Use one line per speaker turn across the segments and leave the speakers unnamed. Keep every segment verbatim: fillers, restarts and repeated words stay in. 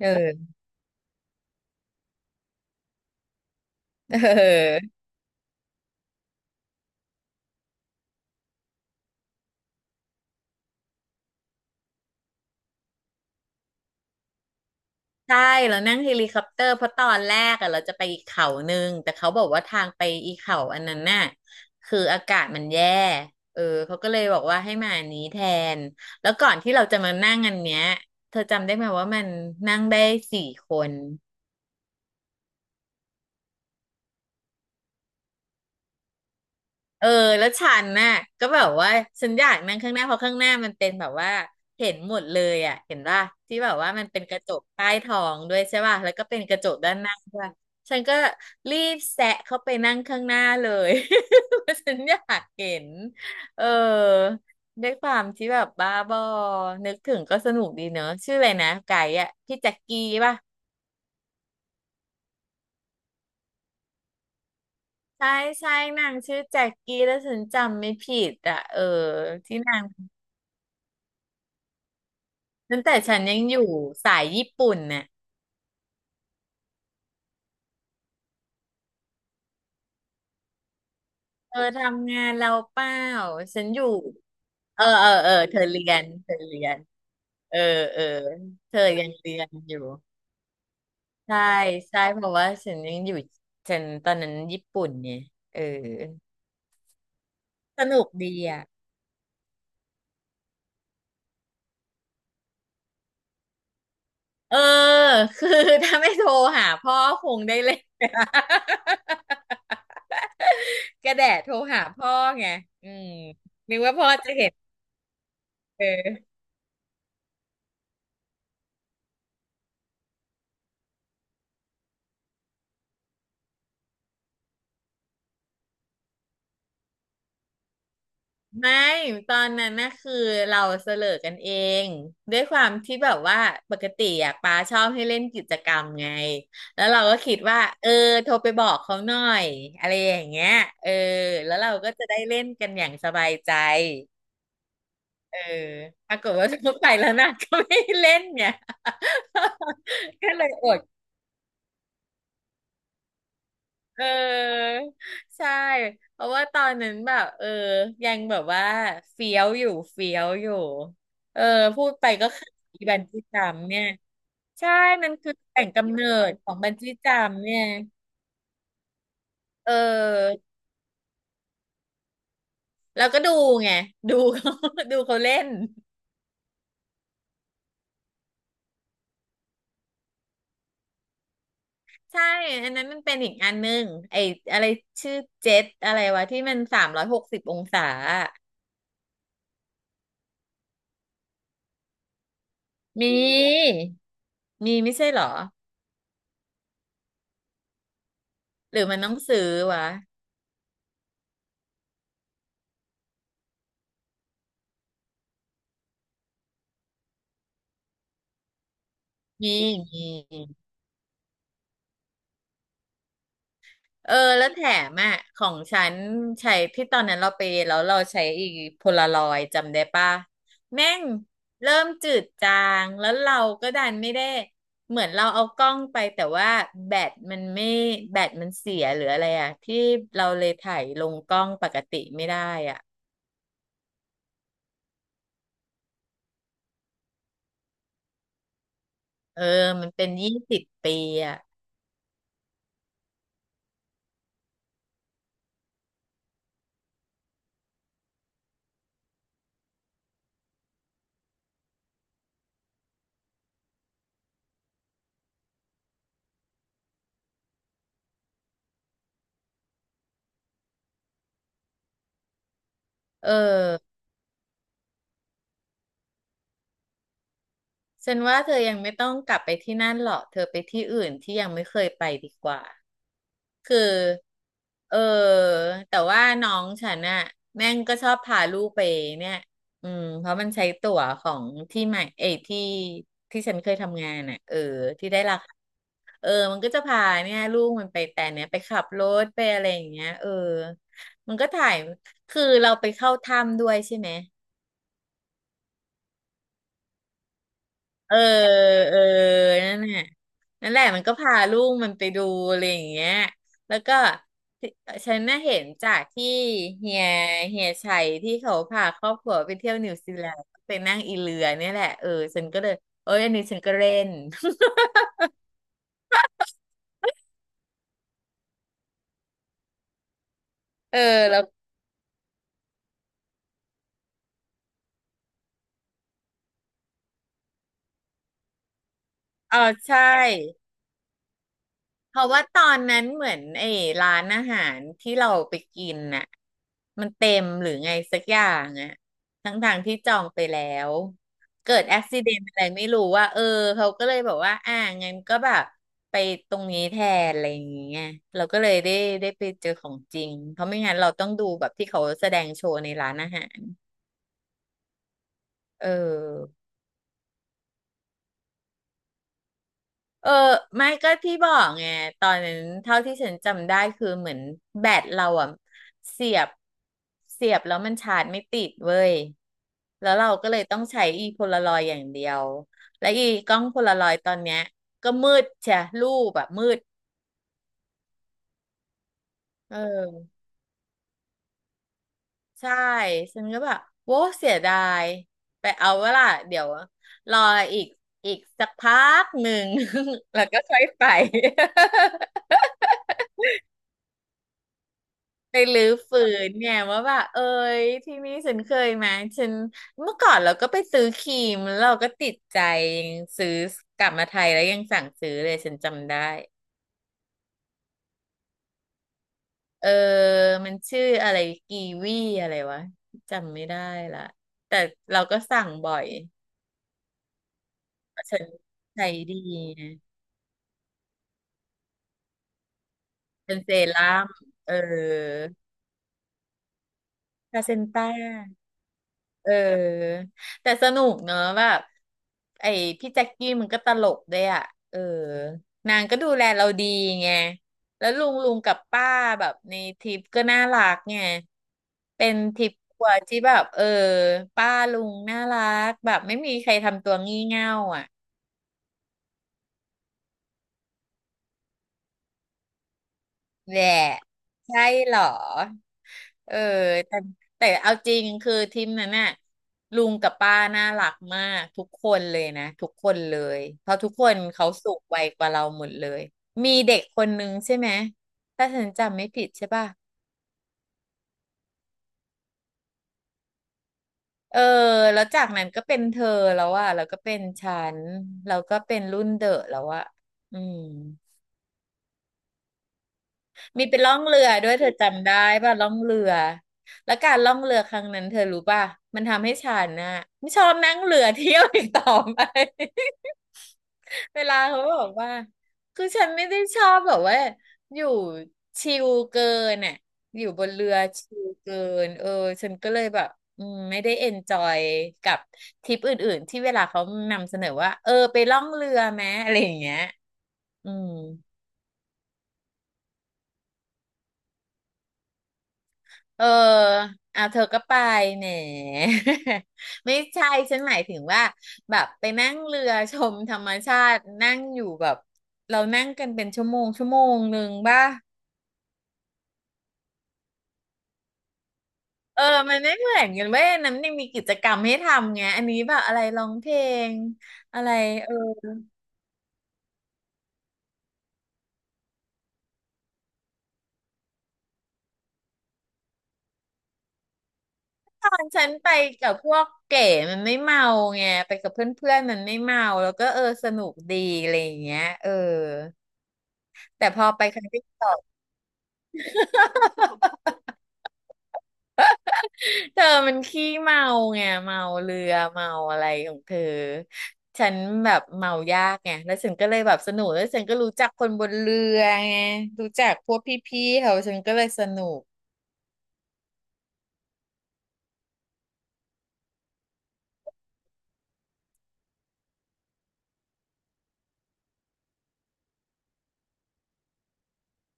เออ เออนั่งเฮลิคอปเตอร์เพราะตอนแรกอะเราจะไปอีกเขาหนึ่งแต่เขาบอกว่าทางไปอีเขาอันนั้นน่ะคืออากาศมันแย่เออเขาก็เลยบอกว่าให้มาอันนี้แทนแล้วก่อนที่เราจะมานั่งอันเนี้ยเธอจำได้ไหมว่ามันนั่งได้สี่คน เออแล้วฉันน่ะก็แบบว่าฉันอยากนั่งข้างหน้าเพราะข้างหน้ามันเป็นแบบว่าเห็นหมดเลยอ่ะเห็นป่ะที่แบบว่ามันเป็นกระจกใต้ท้องด้วยใช่ป่ะแล้วก็เป็นกระจกด้านหน้าด้วยฉันก็รีบแซะเข้าไปนั่งข้างหน้าเลย เพราะฉันอยากเห็นเออด้วยความที่แบบบ้าบอนึกถึงก็สนุกดีเนอะชื่ออะไรนะไก่อ่ะพี่แจ็คกี้ป่ะใช่ใช่นางชื่อแจ็คกี้แล้วฉันจำไม่ผิดอ่ะเออที่นาง ตั้งแต่ฉันยังอยู่สายญี่ปุ่นเนี่ยเธอทำงานเราเปล่าฉันอยู่เออเออเออเธอเรียนเธอเรียนเออเออเธอยังเรียนอยู่ใช่ใช่เพราะว่าฉันยังอยู่ฉันตอนนั้นญี่ปุ่นเนี่ยเออสนุกดีอ่ะเออ คือถ้าไม่โทรหาพ่อคงได้เล่น กระ แดะโทรหาพ่อไงอืมนึกว่าพ่อจะเห็นเออ ไม่ตอนนั้นน่ะคือเราเสลอกันเองด้วยความที่แบบว่าปกติอ่ะปาชอบให้เล่นกิจกรรมไงแล้วเราก็คิดว่าเออโทรไปบอกเขาหน่อยอะไรอย่างเงี้ยเออแล้วเราก็จะได้เล่นกันอย่างสบายใจเออปรากฏว่า โทรไปแล้วนะก็ไม่ให้เล่นเนี่ย ก็เลยอด เออใช่เพราะว่าตอนนั้นแบบเออยังแบบว่าเฟี้ยวอยู่เฟี้ยวอยู่เออพูดไปก็คืออีบันจี้จัมป์เนี่ยใช่มันคือแหล่งกำเนิดของบันจี้จัมป์เนี่ยเออแล้วก็ดูไงดู เขา ดูเขาเล่นใช่อันนั้นมันเป็นอีกอันหนึงไอ้อะไรชื่อเจ็ตอะไรวะที่มันสามร้อยหกสิบองศาอะมีมีไม่ใช่เหรอหรือมันต้องซื้อวะมีมี เออแล้วแถมอ่ะของฉันใช้ที่ตอนนั้นเราไปแล้วเราใช้อีกโพลารอยด์จำได้ป่ะแม่งเริ่มจืดจางแล้วเราก็ดันไม่ได้เหมือนเราเอากล้องไปแต่ว่าแบตมันไม่แบตมันเสียหรืออะไรอ่ะที่เราเลยถ่ายลงกล้องปกติไม่ได้อ่ะเออมันเป็นยี่สิบปีอ่ะเออ ฉันว่าเธอยังไม่ต้องกลับไปที่นั่นหรอกเธอไปที่อื่นที่ยังไม่เคยไปดีกว่าคือเออแต่ว่าน้องฉันน่ะแม่งก็ชอบพาลูกไปเนี่ยอืมเพราะมันใช้ตั๋วของที่ใหม่เอยที่ที่ฉันเคยทำงานน่ะเออที่ได้ราคาเออมันก็จะพาเนี่ยลูกมันไปแต่เนี้ยไปขับรถไปอะไรอย่างเงี้ยเออมันก็ถ่ายคือเราไปเข้าถ้ำด้วยใช่ไหม เออเออนั่นแหละนั่นแหละมันก็พาลูกมันไปดูอะไรอย่างเงี้ยแล้วก็ที่ฉันน่ะเห็นจากที่เฮียเฮียชัยที่เขาพาครอบครัวไปเที่ยวนิวซีแลนด์ไปนั่งอีเรือเนี่ยแหละเออฉันก็เลยเอ้ยอันนี้ฉันก็เล่น เออแล้วอ๋อใช่ เพราะว่าตอนนั้นเหมือนไอ้ร้านอาหารที่เราไปกินน่ะมันเต็มหรือไงสักอย่างอ่ะทั้งทางที่จองไปแล้วเกิดอุบิเหตุอะไรไม่รู้ว่าเออเขาก็เลยบอกว่าอ่างั้นก็แบบไปตรงนี้แทนอะไรอย่างเงี้ยเราก็เลยได้ได้ไปเจอของจริงเพราะไม่งั้นเราต้องดูแบบที่เขาแสดงโชว์ในร้านอาหารเออ เออไม่ก็ที่บอกไงตอนนั้นเท่าที่ฉันจำได้คือเหมือนแบตเราอ่ะเสียบเสียบแล้วมันชาร์จไม่ติดเว้ยแล้วเราก็เลยต้องใช้อีโพลารอยด์อย่างเดียวและอีกล้องโพลารอยด์ตอนเนี้ยก็มืดใช่รูปแบบมืดเออใช่ฉันก็แบบโว้เสียดายไปเอาเวล่ะเดี๋ยวรออีกอีกสักพักหนึ่ง แล้วก็ค่อยไป ไปรื้อฟื้นเนี่ยว่าแบบเอ้ยที่นี่ฉันเคยมาฉันเมื่อก่อนเราก็ไปซื้อครีมแล้วเราก็ติดใจยังซื้อกลับมาไทยแล้วยังสั่งซื้อเลยฉันจำได้เออมันชื่ออะไรกีวีอะไรวะจำไม่ได้ละแต่เราก็สั่งบ่อยเพราะฉันใช้ดีนะเป็นเซรั่มเออพาเซนต้า เออแต่สนุกเนอะแบบไอ้พี่แจ็คกี้มันก็ตลกด้วยอ่ะเออนางก็ดูแลเราดีไงแล้วลุงลุงกับป้าแบบในทริปก็น่ารักไงเป็นทริปครัวร์ที่แบบเออป้าลุงน่ารักแบบไม่มีใครทำตัวงี่เง่าอ่ะแหละใช่เหรอ เออแต่แต่เอาจริงคือทีมนั้นน่ะลุงกับป้าน่ารักมากทุกคนเลยนะทุกคนเลยเพราะทุกคนเขาสูงวัยกว่าเราหมดเลยมีเด็กคนนึงใช่ไหมถ้าฉันจำไม่ผิดใช่ป่ะเออแล้วจากนั้นก็เป็นเธอแล้วอะแล้วก็เป็นฉันแล้วก็เป็นรุ่นเดอะแล้วอะอืม มีเป็นล่องเรือด้วยเธอจำได้ป่ะล่องเรือแล้วการล่องเรือครั้งนั้นเธอรู้ป่ะมันทำให้ฉันน่ะไม่ชอบนั่งเรือเที่ยวอีกต่อไป เวลาเขาบอกว่าคือฉันไม่ได้ชอบแบบว่าอยู่ชิลเกินน่ะอยู่บนเรือชิลเกินเออฉันก็เลยแบบอืมไม่ได้เอนจอยกับทริปอื่นๆที่เวลาเขานำเสนอว่าเออไปล่องเรือไหมอะไรอย่างเงี้ยอืม เอออ่ะเธอก็ไปแหม ไม่ใช่ฉันหมายถึงว่าแบบไปนั่งเรือชมธรรมชาตินั่งอยู่แบบเรานั่งกันเป็นชั่วโมงชั่วโมงหนึ่งป่ะเออมันไม่เหมือนกันเว้ยอันนั้นยังมีกิจกรรมให้ทำไงอันนี้แบบอะไรร้องเพลงอะไรเออตอนฉันไปกับพวกเก๋มันไม่เมาไงไปกับเพื่อนๆมันไม่เมาแล้วก็เออสนุกดีอะไรอย่างเงี้ยเออแต่พอไปครั้งที่สอง เธอมันขี้เมาไงเมาเรือเมาอะไรของเธอฉันแบบเมายากไงแล้วฉันก็เลยแบบสนุกแล้วฉันก็รู้จักคนบนเรือไงรู้จักพวกพี่ๆเขาฉันก็เลยสนุก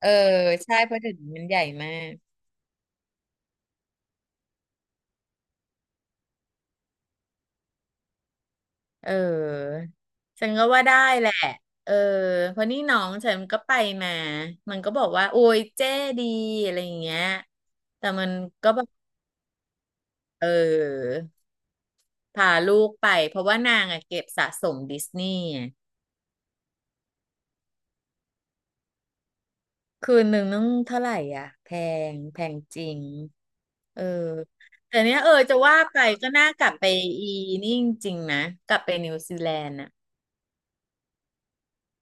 เออใช่เพราะเดี๋ยวนี้มันใหญ่มากเออฉันก็ว่าได้แหละเออเพราะนี่น้องฉันก็ไปมามันก็บอกว่าโอ้ยเจ๊ดีอะไรอย่างเงี้ยแต่มันก็แบบเออพาลูกไปเพราะว่านางอะเก็บสะสมดิสนีย์ คืนหนึ่งนึงเท่าไหร่อ่ะแพงแพงจริง เออแต่เนี้ยเออจะว่าไปก็น่ากลับไปอีนี่จริงๆนะกลับไปนิวซีแลนด์อ่ะ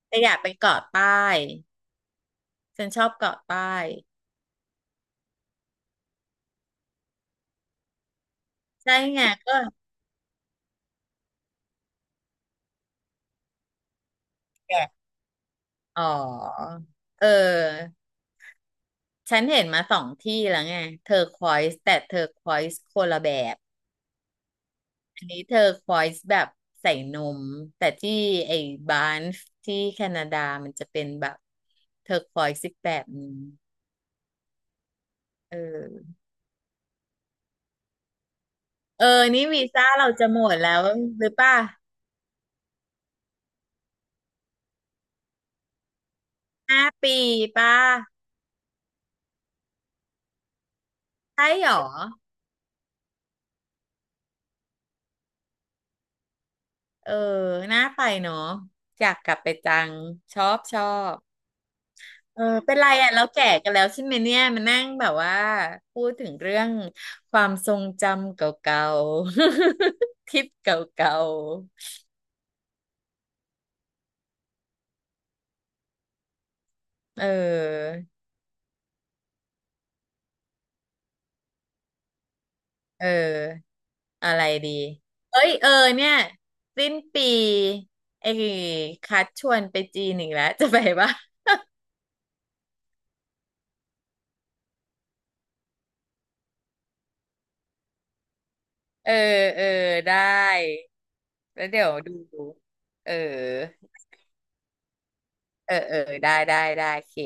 แต่อยากไปเกาะใต้ฉันชอบเกาะใต้ใช่ไงก็แกะอ๋อเออฉันเห็นมาสองที่แล้วไงเทอร์ควอยส์แต่เทอร์ควอยส์คนละแบบ อันนี้เธอควอยส์แบบใส่นมแต่ที่ไอ้บานฟที่แคนาดามันจะเป็นแบบเธอควอยส์อีกแบบหนึงเออเออนี่วีซ่าเราจะหมดแล้วหรือป่ะห้าปีป่ะใช่หรอเออน่าไปเนาะอยากกลับไปจังชอบชอบเออเป็นไรอ่ะเราแก่กันแล้วใช่ไหมเนี่ยมานั่งแบบว่าพูดถึงเรื่องความทรงจำเก่าๆ ทริปเก่าๆเออ เอออะไรดีเอ้ยเออเนี่ยสิ้นปีไอ้คัดชวนไปจีนอีกแล้วจะไปปะเออเออได้แล้วเดี๋ยวดูเออเออเออได้ได้ได้โอเค